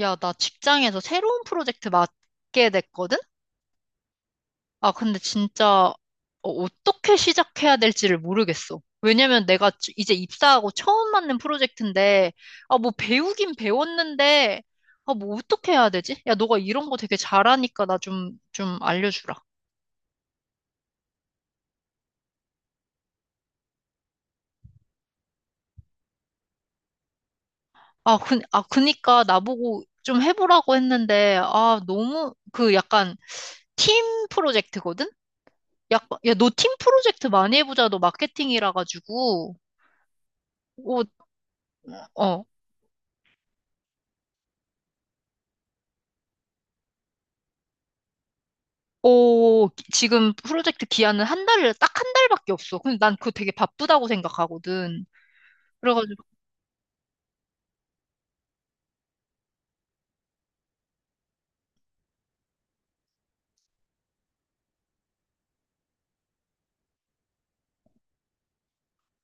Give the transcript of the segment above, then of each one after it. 야, 나 직장에서 새로운 프로젝트 맡게 됐거든? 아, 근데 진짜 떻게 시작해야 될지를 모르겠어. 왜냐면 내가 이제 입사하고 처음 맡는 프로젝트인데, 아, 뭐 배우긴 배웠는데, 아, 뭐 어떻게 해야 되지? 야, 너가 이런 거 되게 잘하니까 나 좀 알려주라. 아, 그, 아, 그니까 나보고 좀 해보라고 했는데, 아, 너무 그 약간 팀 프로젝트거든? 야, 야, 너 팀 프로젝트 많이 해보자. 너 마케팅이라 가지고. 어, 어, 오, 지금 프로젝트 기한은 한 달을, 딱 한 달밖에 없어. 근데 난 그거 되게 바쁘다고 생각하거든. 그래가지고,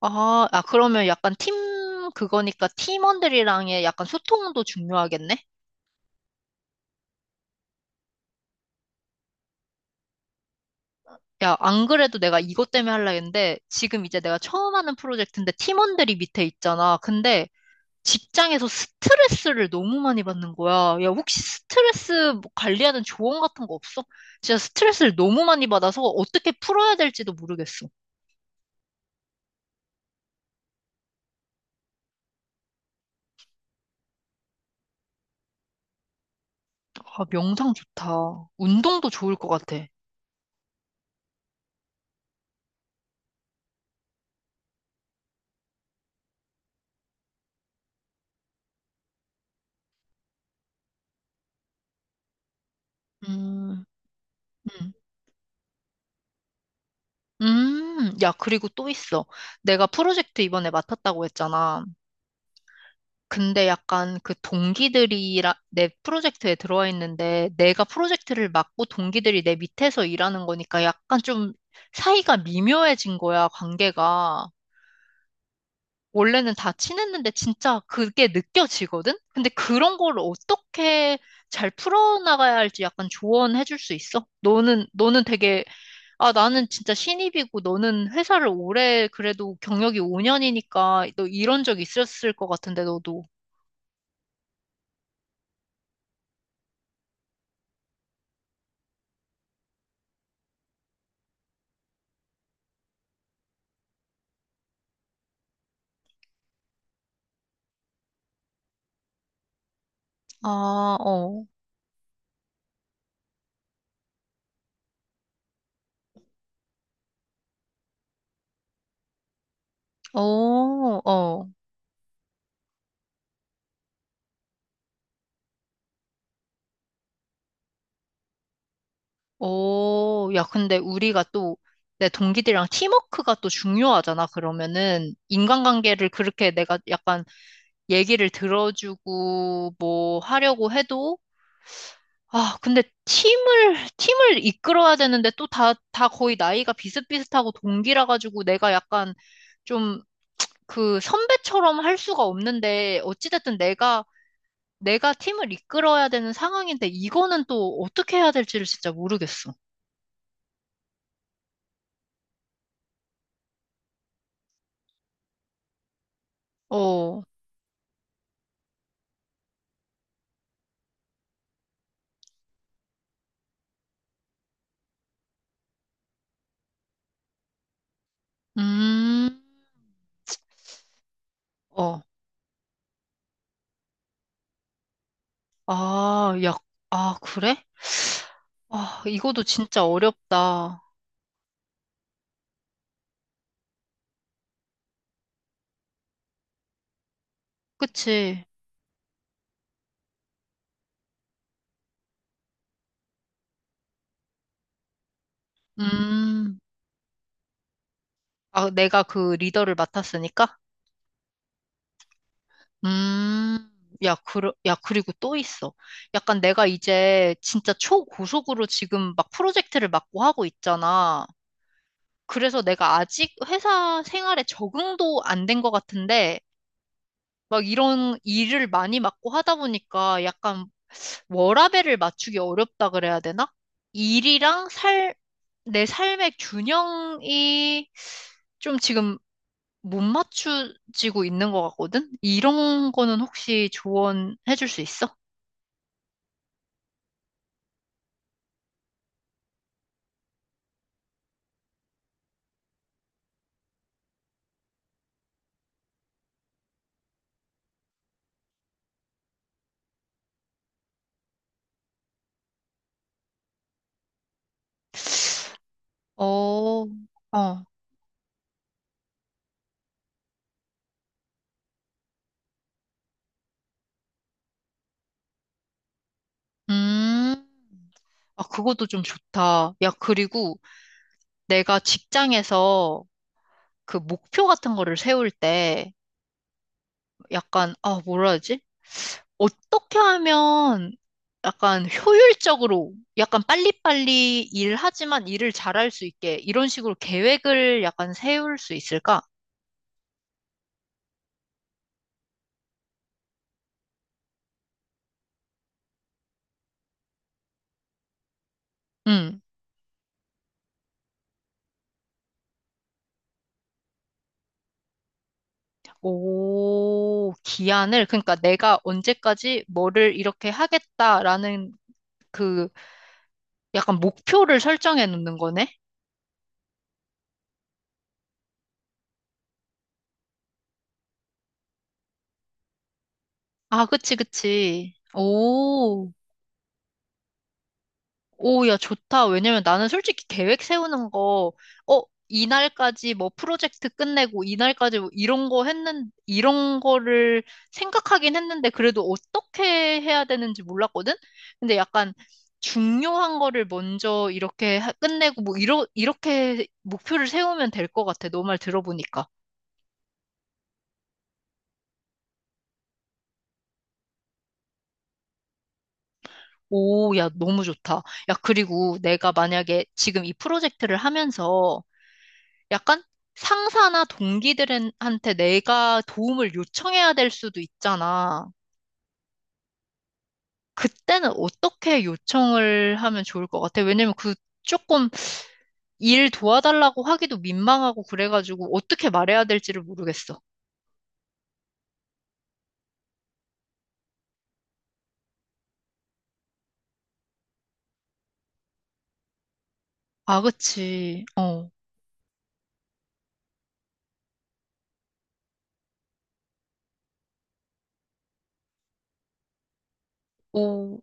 아, 아, 그러면 약간 팀, 그거니까 팀원들이랑의 약간 소통도 중요하겠네? 야, 안 그래도 내가 이것 때문에 하려 했는데, 지금 이제 내가 처음 하는 프로젝트인데 팀원들이 밑에 있잖아. 근데 직장에서 스트레스를 너무 많이 받는 거야. 야, 혹시 스트레스 뭐 관리하는 조언 같은 거 없어? 진짜 스트레스를 너무 많이 받아서 어떻게 풀어야 될지도 모르겠어. 아, 명상 좋다. 운동도 좋을 것 같아. 음, 음, 야, 그리고 또 있어. 내가 프로젝트 이번에 맡았다고 했잖아. 근데 약간 그 동기들이 라내 프로젝트에 들어와 있는데 내가 프로젝트를 맡고 동기들이 내 밑에서 일하는 거니까 약간 좀 사이가 미묘해진 거야, 관계가. 원래는 다 친했는데 진짜 그게 느껴지거든? 근데 그런 걸 어떻게 잘 풀어나가야 할지 약간 조언해줄 수 있어? 너는 되게, 아, 나는 진짜 신입이고 너는 회사를 오래 그래도 경력이 5년이니까 너 이런 적 있었을 것 같은데, 너도. 아, 어, 어, 어, 어. 야, 근데 우리가 또 내 동기들이랑 팀워크가 또 중요하잖아, 그러면은. 인간관계를 그렇게 내가 약간 얘기를 들어주고 뭐 하려고 해도 아, 근데 팀을 이끌어야 되는데 또 다 거의 나이가 비슷비슷하고 동기라 가지고 내가 약간 좀 그 선배처럼 할 수가 없는데 어찌됐든 내가 팀을 이끌어야 되는 상황인데 이거는 또 어떻게 해야 될지를 진짜 모르겠어. 어, 음, 어, 아, 야, 아, 그래? 아, 이것도 진짜 어렵다. 그치? 음. 아, 내가 그 리더를 맡았으니까? 음, 야, 그, 야, 그리고 또 있어. 약간 내가 이제 진짜 초고속으로 지금 막 프로젝트를 맡고 하고 있잖아. 그래서 내가 아직 회사 생활에 적응도 안 된 것 같은데, 막 이런 일을 많이 맡고 하다 보니까 약간 워라밸을 맞추기 어렵다 그래야 되나? 일이랑 살, 내 삶의 균형이 좀 지금 못 맞추지고 있는 것 같거든? 이런 거는 혹시 조언해 줄 수 있어? 어, 어, 음. 아, 그것도 좀 좋다. 야, 그리고 내가 직장에서 그 목표 같은 거를 세울 때 약간, 아, 뭐라 하지? 어떻게 하면 약간 효율적으로, 약간 빨리빨리 일하지만 일을 잘할 수 있게 이런 식으로 계획을 약간 세울 수 있을까? 음. 오, 기한을, 그러니까 내가 언제까지 뭐를 이렇게 하겠다라는 그 약간 목표를 설정해 놓는 거네? 아, 그치, 그치. 오, 오, 야, 좋다. 왜냐면 나는 솔직히 계획 세우는 거, 어, 이날까지 뭐 프로젝트 끝내고 이날까지 뭐 이런 거 이런 거를 생각하긴 했는데 그래도 어떻게 해야 되는지 몰랐거든? 근데 약간 중요한 거를 먼저 이렇게 끝내고 뭐 이렇게 목표를 세우면 될 것 같아. 너 말 들어보니까. 오, 야, 너무 좋다. 야, 그리고 내가 만약에 지금 이 프로젝트를 하면서 약간 상사나 동기들한테 내가 도움을 요청해야 될 수도 있잖아. 그때는 어떻게 요청을 하면 좋을 것 같아? 왜냐면 그 조금 일 도와달라고 하기도 민망하고 그래가지고 어떻게 말해야 될지를 모르겠어. 아, 그치. 어. 오.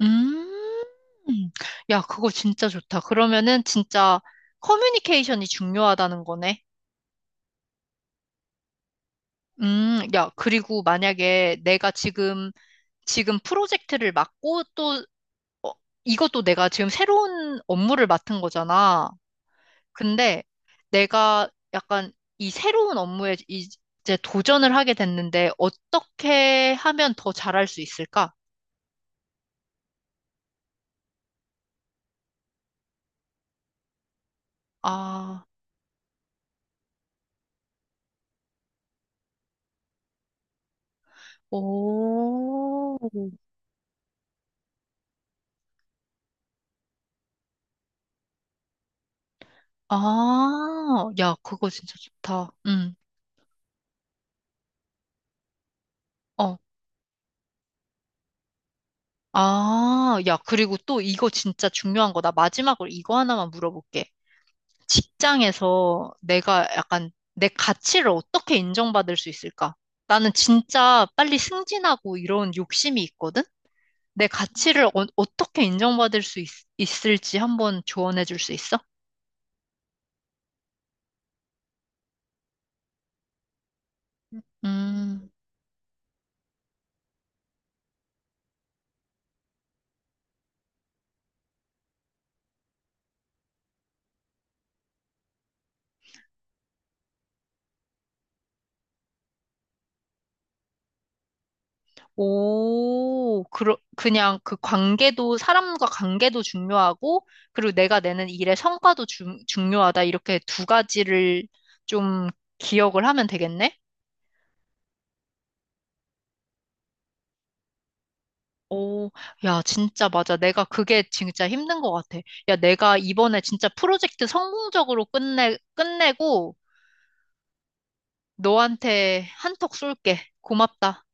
음. 야, 그거 진짜 좋다. 그러면은 진짜 커뮤니케이션이 중요하다는 거네. 야, 그리고 만약에 내가 지금 프로젝트를 맡고 또, 어, 이것도 내가 지금 새로운 업무를 맡은 거잖아. 근데 내가 약간 이 새로운 업무에 이제 도전을 하게 됐는데 어떻게 하면 더 잘할 수 있을까? 아, 오, 아, 야, 그거 진짜 좋다. 응, 어. 아, 야, 그리고 또 이거 진짜 중요한 거다. 마지막으로 이거 하나만 물어볼게. 직장에서 내가 약간 내 가치를 어떻게 인정받을 수 있을까? 나는 진짜 빨리 승진하고 이런 욕심이 있거든? 내 가치를 떻게 인정받을 수 있, 을지 한번 조언해 줄 수 있어? 음, 오, 그냥 그 관계도, 사람과 관계도 중요하고, 그리고 내가 내는 일의 성과도 중요하다. 이렇게 두 가지를 좀 기억을 하면 되겠네? 오, 야, 진짜 맞아. 내가 그게 진짜 힘든 것 같아. 야, 내가 이번에 진짜 프로젝트 성공적으로 끝내고 너한테 한턱 쏠게. 고맙다.